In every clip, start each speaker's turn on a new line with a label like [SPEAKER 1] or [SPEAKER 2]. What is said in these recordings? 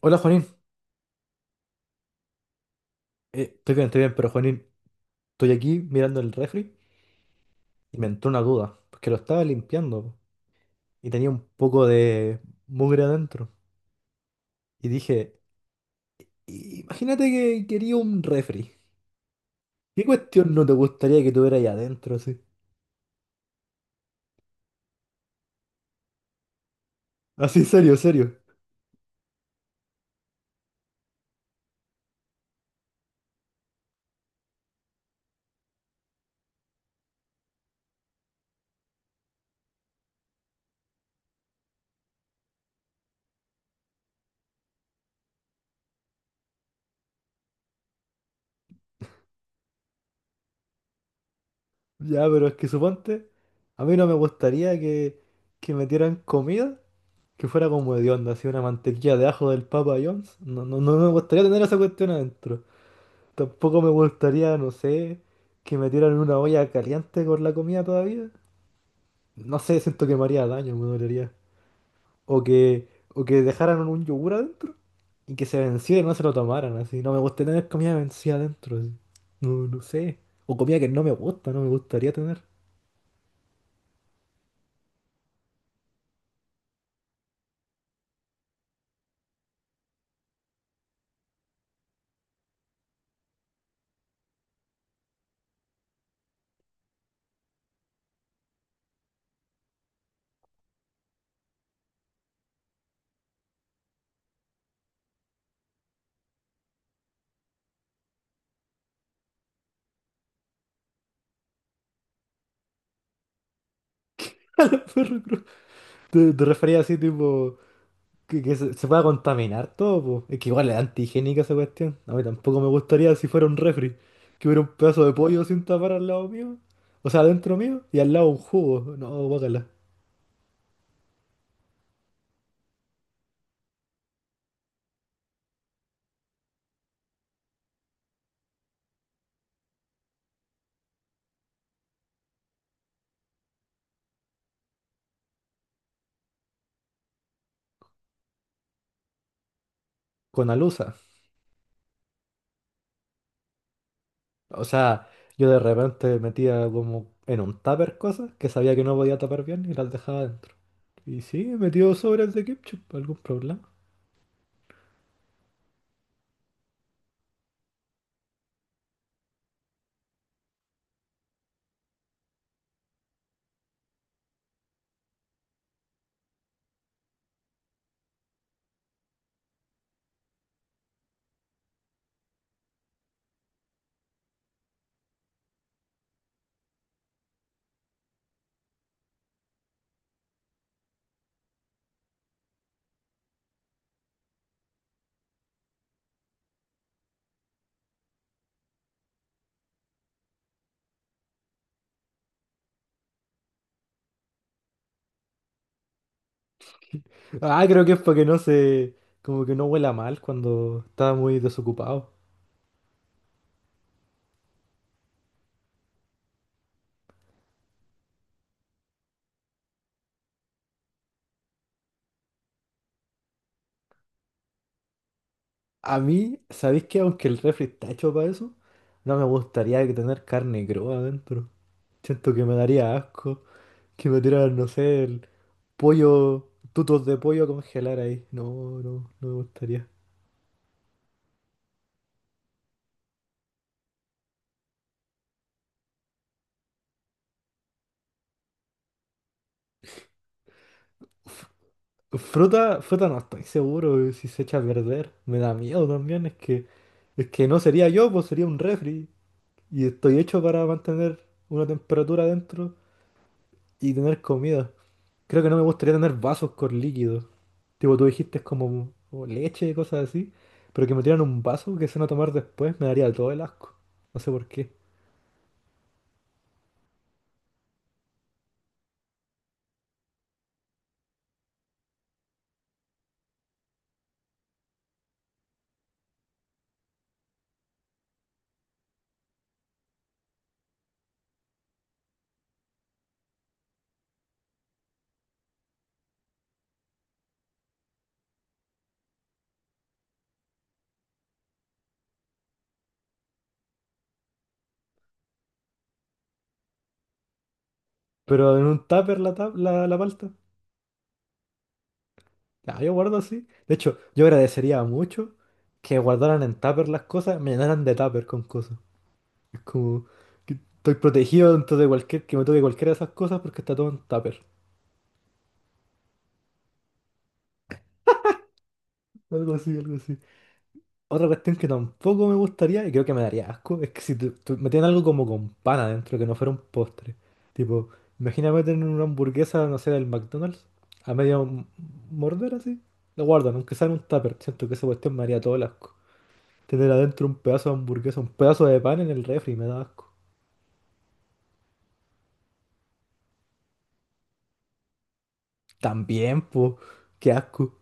[SPEAKER 1] Hola Juanín. Estoy bien, estoy bien, pero Juanín, estoy aquí mirando el refri y me entró una duda, porque lo estaba limpiando po, y tenía un poco de mugre adentro. Y dije, Imagínate que quería un refri. ¿Qué cuestión no te gustaría que tuviera ahí adentro así? Así, serio, serio. Ya, pero es que suponte, a mí no me gustaría que metieran comida que fuera como hedionda, así una mantequilla de ajo del Papa John's. No, no, no me gustaría tener esa cuestión adentro. Tampoco me gustaría, no sé, que me tiraran una olla caliente con la comida todavía. No sé, siento que me haría daño, me dolería. O que, o que dejaran un yogur adentro y que se venciera y no se lo tomaran, así. No me gusta tener comida vencida adentro, así. No, no sé. O comida que no me gusta, no me gustaría tener. Perro cruz. Te refería así, tipo, se pueda contaminar todo, po. Es que igual es antigénica esa cuestión. A mí tampoco me gustaría si fuera un refri, que hubiera un pedazo de pollo sin tapar al lado mío, o sea, adentro mío, y al lado un jugo, no, guácala, con alusa. O sea, yo de repente metía como en un tupper cosas que sabía que no podía tapar bien y las dejaba adentro. Y sí, he metido sobras de ketchup, algún problema. Ah, creo que es porque no se, como que no huela mal cuando está muy desocupado. A mí, ¿sabéis que aunque el refri está hecho para eso, no me gustaría que tener carne cruda adentro? Siento que me daría asco, que me tiraran, no sé, el pollo, tutos de pollo a congelar ahí. No, no, no me gustaría. Fruta, fruta no estoy seguro si se echa a perder. Me da miedo también, es que no sería yo, pues sería un refri. Y estoy hecho para mantener una temperatura adentro y tener comida. Creo que no me gustaría tener vasos con líquidos. Tipo, tú dijiste es como leche, y cosas así. Pero que me tiran un vaso que se van a tomar después me daría todo el asco. No sé por qué. Pero en un tupper la palta. Ya, yo guardo así. De hecho, yo agradecería mucho que guardaran en tupper las cosas, me llenaran de tupper con cosas. Es como que estoy protegido dentro de cualquier, que me toque cualquiera de esas cosas porque está todo en tupper. Algo así, algo así. Otra cuestión que tampoco me gustaría y creo que me daría asco es que si metían algo como con pan adentro, que no fuera un postre. Tipo, imagínate tener una hamburguesa, no sé, del McDonald's, a morder así. Lo guardan, aunque sea en un tupper. Siento que esa cuestión me haría todo el asco. Tener adentro un pedazo de hamburguesa, un pedazo de pan en el refri, me da asco. También, pues, qué asco.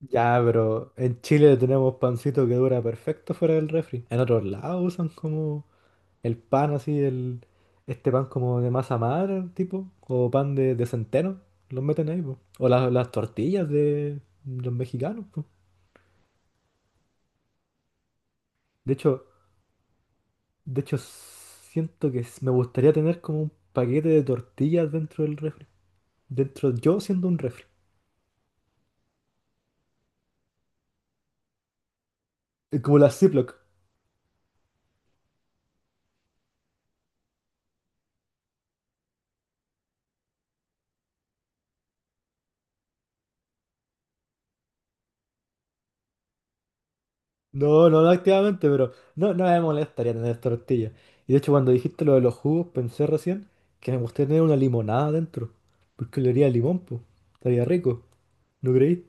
[SPEAKER 1] Ya, pero en Chile tenemos pancito que dura perfecto fuera del refri. En otros lados usan como el pan así, este pan como de masa madre, tipo, o pan de centeno, los meten ahí, po. O las tortillas de los mexicanos, po. De hecho, de hecho, siento que me gustaría tener como un paquete de tortillas dentro del refri. Dentro yo siendo un refri. Como las Ziploc. No, no, no activamente, pero no, no me molestaría tener tortillas. Y de hecho, cuando dijiste lo de los jugos, pensé recién que me gustaría tener una limonada dentro. Porque le haría limón, pues. Estaría rico. ¿No creí?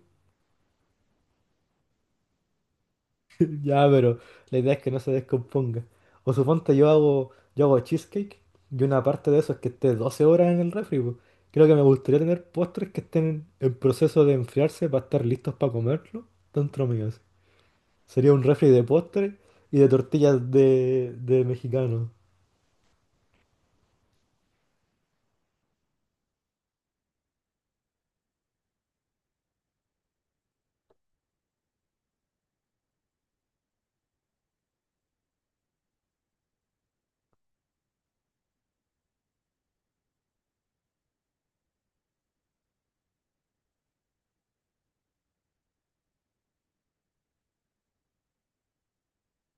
[SPEAKER 1] Ya, pero la idea es que no se descomponga. O suponte yo hago cheesecake y una parte de eso es que esté 12 horas en el refri, po. Creo que me gustaría tener postres que estén en proceso de enfriarse para estar listos para comerlo dentro mío, así. Sería un refri de postres y de tortillas de mexicano.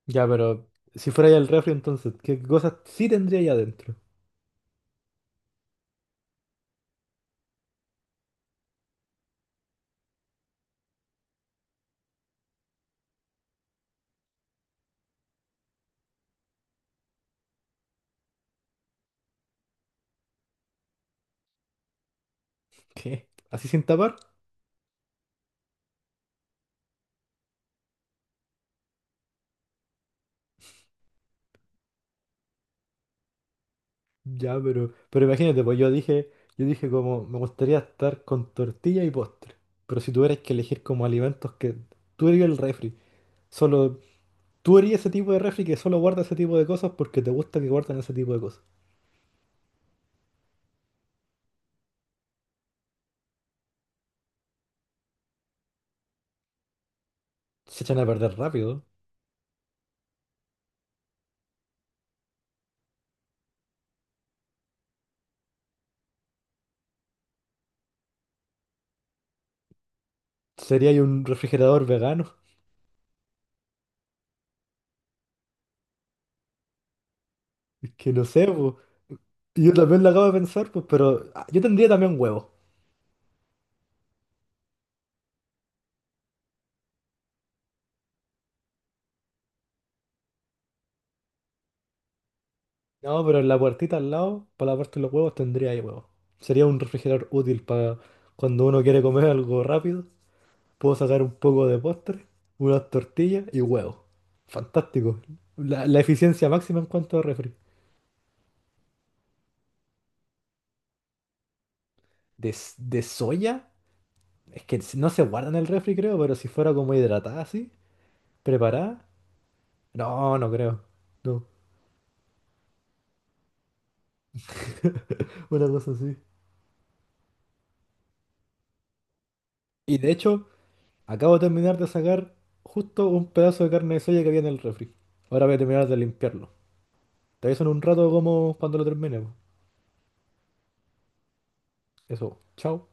[SPEAKER 1] Ya, pero si fuera ya el refri entonces, ¿qué cosas sí tendría ahí adentro? ¿Qué? ¿Así sin tapar? Ya, pero imagínate, pues yo dije como, me gustaría estar con tortilla y postre. Pero si tuvieras que elegir como alimentos que tú eres el refri, solo tú eres ese tipo de refri que solo guarda ese tipo de cosas porque te gusta que guardan ese tipo de cosas. Se echan a perder rápido. Sería ahí un refrigerador vegano. Es que no sé, pues. Y yo también lo acabo de pensar, pues, pero ah, yo tendría también huevos. No, pero en la puertita al lado, para la parte de los huevos, tendría ahí huevos. Sería un refrigerador útil para cuando uno quiere comer algo rápido. Puedo sacar un poco de postre, unas tortillas y huevos. Fantástico. La eficiencia máxima en cuanto a refri. De, de soya, es que no se guarda en el refri, creo, pero si fuera como hidratada así, preparada, no, no creo. No, una cosa así. Y de hecho, acabo de terminar de sacar justo un pedazo de carne de soya que había en el refri. Ahora voy a terminar de limpiarlo. Te aviso en un rato como cuando lo termine, po. Eso, chao.